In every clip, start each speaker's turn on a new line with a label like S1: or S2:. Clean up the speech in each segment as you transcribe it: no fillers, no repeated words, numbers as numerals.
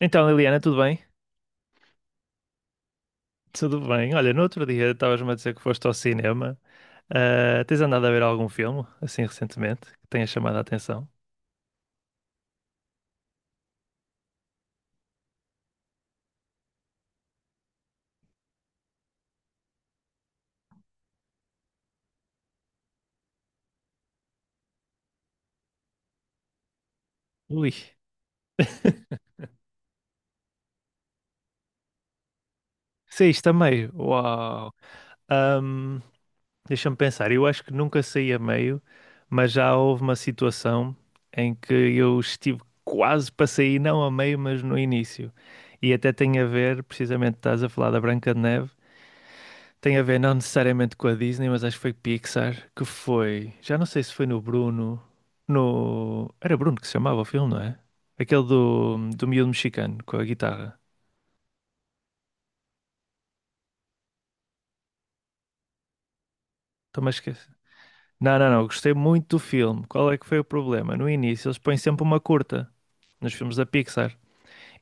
S1: Então, Liliana, tudo bem? Tudo bem. Olha, no outro dia estavas-me a dizer que foste ao cinema. Ah, tens andado a ver algum filme, assim, recentemente, que tenha chamado a atenção? Ui. Saíste a meio. Uau. Ahm, Deixa-me pensar. Eu acho que nunca saí a meio, mas já houve uma situação em que eu estive quase para sair, não a meio, mas no início. E até tem a ver, precisamente, estás a falar da Branca de Neve. Tem a ver não necessariamente com a Disney, mas acho que foi Pixar, que foi. Já não sei se foi no Bruno. No. Era Bruno que se chamava o filme, não é? Aquele do miúdo mexicano com a guitarra. Estou-me a esquecer. Não, não, não. Gostei muito do filme. Qual é que foi o problema? No início eles põem sempre uma curta nos filmes da Pixar.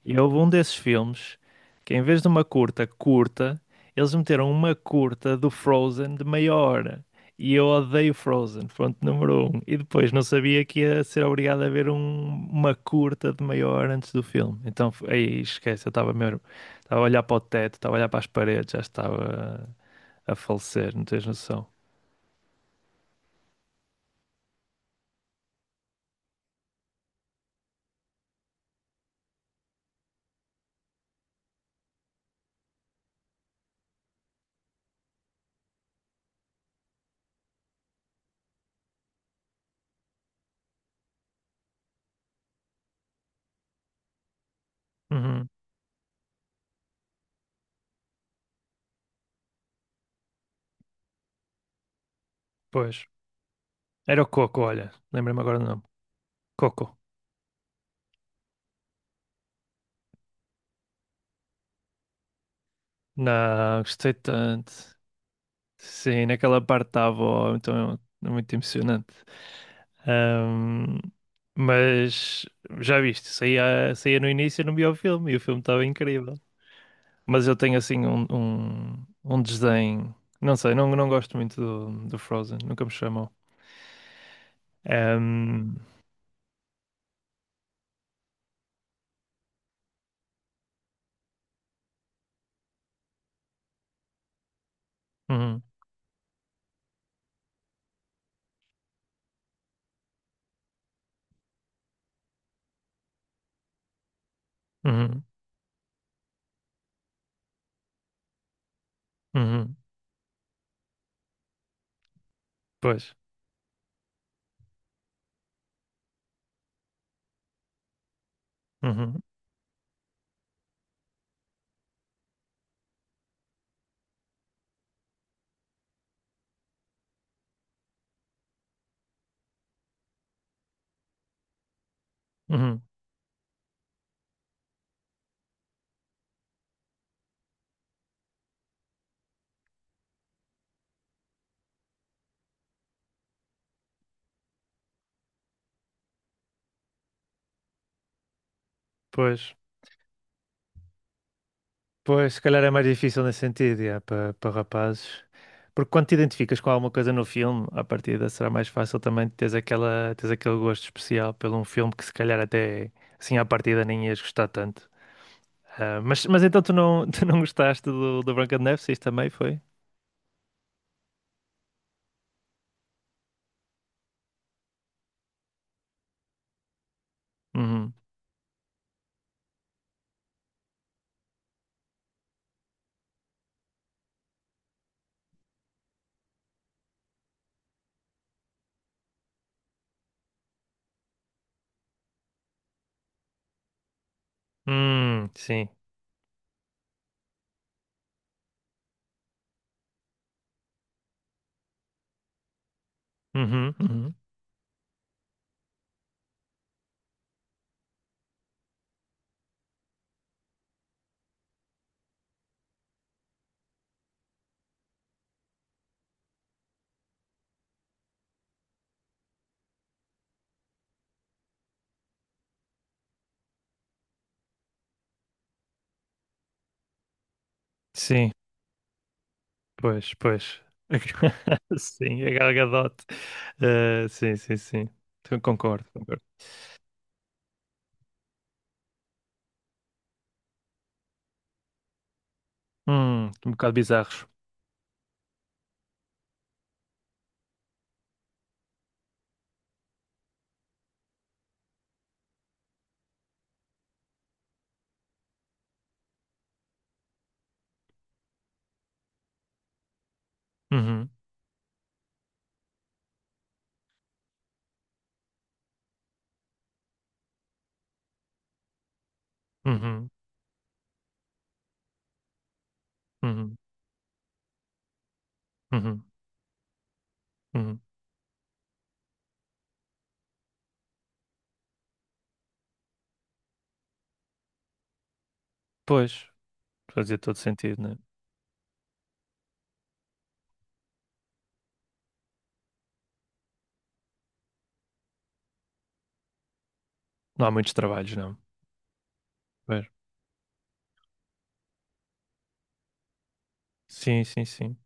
S1: E houve um desses filmes que, em vez de uma curta curta, eles meteram uma curta do Frozen de meia hora. E eu odeio Frozen, ponto número um. E depois não sabia que ia ser obrigado a ver uma curta de meia hora antes do filme. Então, aí esquece, eu estava mesmo. Estava a olhar para o teto, estava a olhar para as paredes, já estava a falecer, não tens noção. Uhum, pois. Era o Coco, olha. Lembrei-me agora do nome. Coco. Não, gostei tanto. Sim, naquela parte da avó, então é muito emocionante. Ahm, mas já viste, saía no início e não via o filme, e o filme estava incrível. Mas eu tenho assim um desdém, não sei, não, não gosto muito do Frozen, nunca me chamou. Ahm, uhum, uhum, uhum, pois, uhum, uhum, pois. Pois, se calhar é mais difícil nesse sentido, yeah, para rapazes. Porque quando te identificas com alguma coisa no filme, à partida será mais fácil também teres aquele gosto especial pelo um filme que se calhar até assim à partida nem ias gostar tanto. Ah, mas então tu não, tu não gostaste do Branca de Neve, se isso também foi? Uhum. Sim. Uhum, uhum. Sim, pois, pois. Sim, a Gal Gadot. Ah, sim, sim, sim. Concordo, concordo. Um bocado bizarros. Uhum. Uhum, uhum, uhum, uhum. Pois, fazia todo sentido, né? Não há muitos trabalhos, não. Pois. Sim, sim, sim.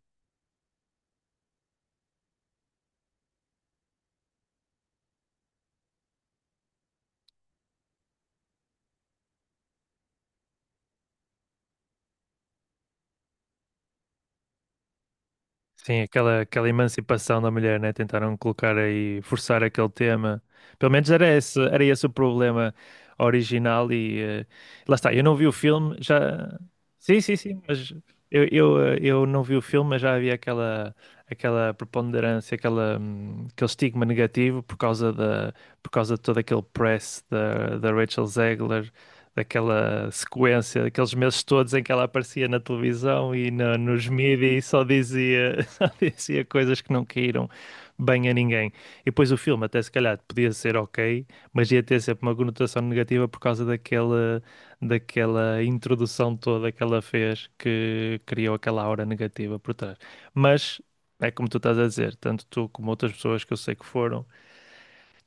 S1: Sim, aquela emancipação da mulher, né? Tentaram colocar aí, forçar aquele tema. Pelo menos era esse o problema original e lá está, eu não vi o filme, já. Sim, sim, sim, mas eu não vi o filme, mas já havia aquela, preponderância, aquele estigma negativo por causa de todo aquele press da Rachel Zegler. Daquela sequência, daqueles meses todos em que ela aparecia na televisão e nos mídias e só dizia e coisas que não caíram bem a ninguém. E depois o filme, até se calhar, podia ser ok, mas ia ter sempre uma conotação negativa por causa daquela introdução toda que ela fez que criou aquela aura negativa por trás. Mas é como tu estás a dizer, tanto tu como outras pessoas que eu sei que foram,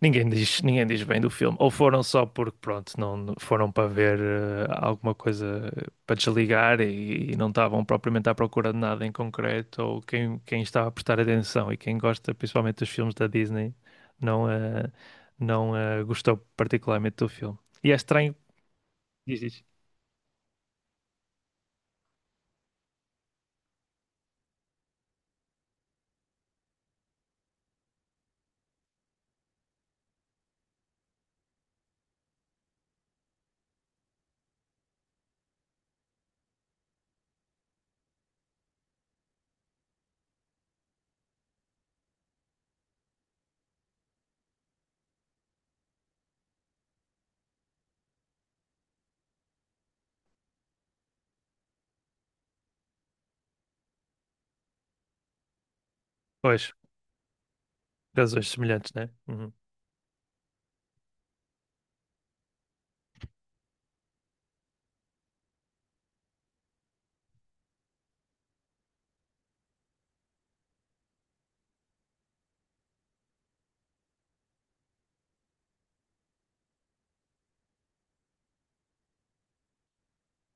S1: Ninguém diz bem do filme. Ou foram só porque, pronto, não foram para ver alguma coisa para desligar e, não estavam propriamente à procura de nada em concreto. Ou quem estava a prestar atenção e quem gosta principalmente dos filmes da Disney não, não gostou particularmente do filme. E é estranho. Diz, diz. Pois, razões semelhantes, né? Uhum.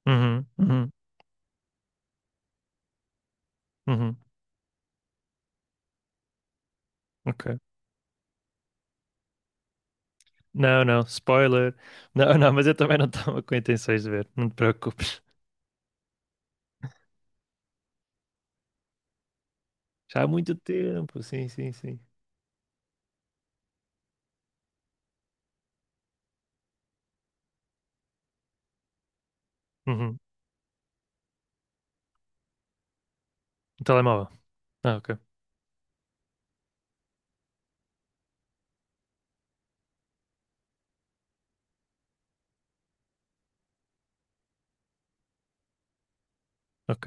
S1: Uhum, uhum, uhum. Ok. Não, não, spoiler. Não, não, mas eu também não estava com intenções de ver. Não te preocupes. Já há muito tempo, sim, sim, sim. Uhum. Um telemóvel. Ah, ok. Ok,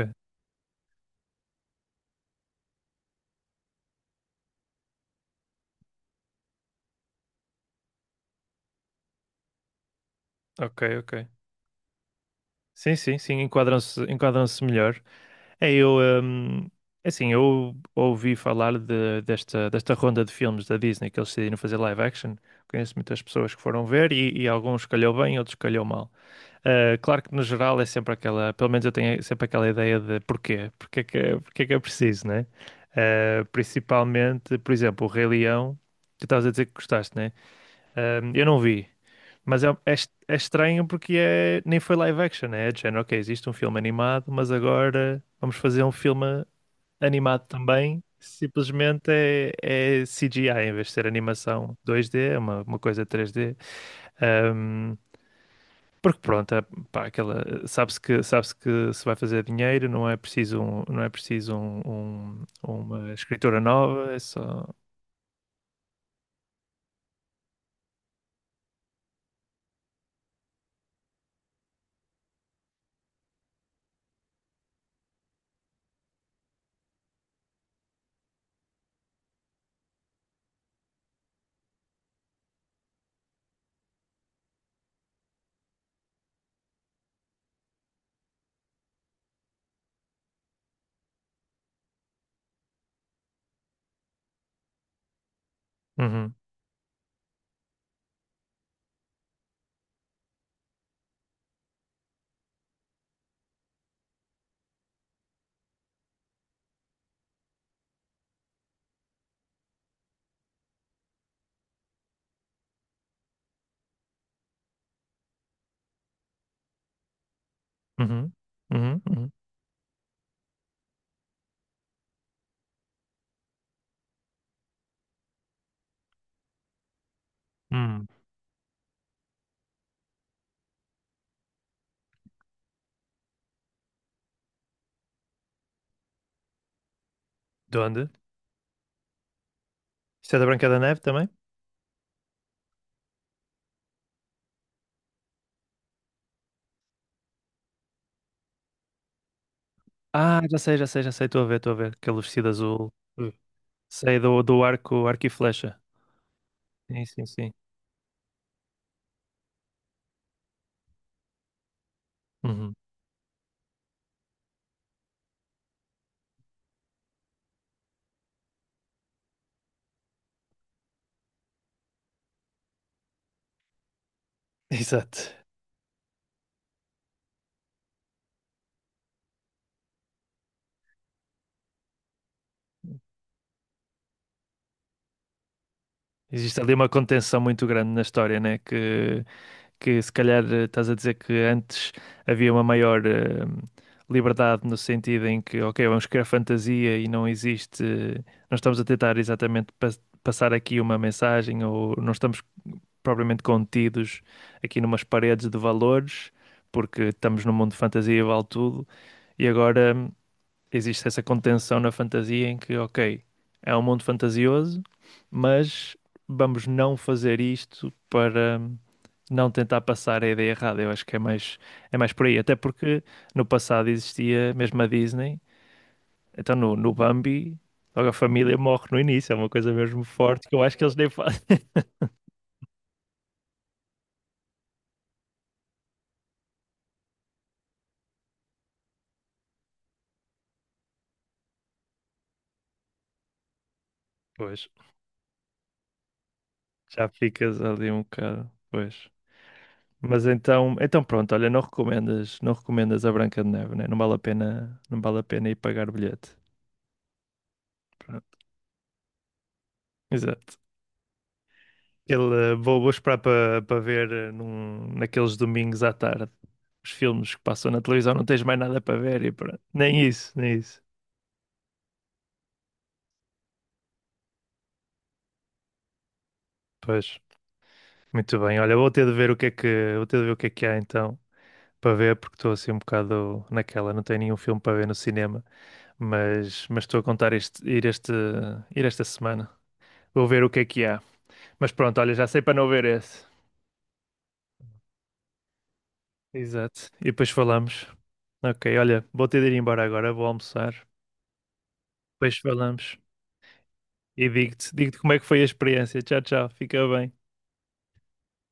S1: ok, ok. Sim, sim, sim, enquadram-se melhor. É, eu, hum, É assim, eu ouvi falar desta, ronda de filmes da Disney que eles decidiram fazer live action. Conheço muitas pessoas que foram ver e, alguns calhou bem, outros calhou mal. Ah, claro que no geral é sempre aquela, pelo menos eu tenho sempre aquela ideia de porquê, porque é que é preciso, né? Ah, principalmente, por exemplo, o Rei Leão, tu estavas a dizer que gostaste, né? Eu não vi, mas é estranho porque é, nem foi live action, né? É de género, ok, existe um filme animado, mas agora vamos fazer um filme animado também. Simplesmente é, CGI em vez de ser animação 2D, é uma coisa 3D. Ahm, Porque pronto, é, pá, aquela, sabe-se que se vai fazer dinheiro, não é preciso, não é preciso uma escritora nova, é só. Uhum, uhum, uhum, uhum. Hum, De onde? Isso é da Branca da Neve também? Ah, já sei, já sei, já sei. Estou a ver, estou a ver. Aquele vestido azul. Hum. Sei do arco e flecha. Sim, sim, sim. Uhum. Exato. Existe ali uma contenção muito grande na história, né? Que se calhar estás a dizer que antes havia uma maior liberdade no sentido em que, ok, vamos criar fantasia e não existe, não estamos a tentar exatamente passar aqui uma mensagem ou não estamos propriamente contidos aqui numas paredes de valores, porque estamos num mundo de fantasia e vale tudo, e agora existe essa contenção na fantasia em que, ok, é um mundo fantasioso, mas vamos não fazer isto para não tentar passar a ideia errada. Eu acho que é mais, por aí, até porque no passado existia mesmo a Disney, então no Bambi. Logo a família morre no início, é uma coisa mesmo forte que eu acho que eles nem fazem. Pois. Já ficas ali um bocado, pois. Mas então, pronto, olha, não recomendas, não recomendas a Branca de Neve, né? Não vale a pena, não vale a pena ir pagar o bilhete. Pronto. Exato. Vou, esperar para ver naqueles domingos à tarde os filmes que passam na televisão, não tens mais nada para ver e pronto. Nem isso, nem isso. Pois, muito bem. Olha, vou ter de ver o que é que há então para ver, porque estou assim um bocado naquela, não tenho nenhum filme para ver no cinema. Mas estou a contar este, ir esta semana. Vou ver o que é que há. Mas pronto, olha, já sei para não ver esse. Exato. E depois falamos. Ok, olha, vou ter de ir embora agora, vou almoçar. Depois falamos. E digo-te como é que foi a experiência. Tchau, tchau. Fica bem.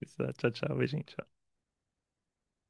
S1: Exato. Tchau, tchau. Beijinhos.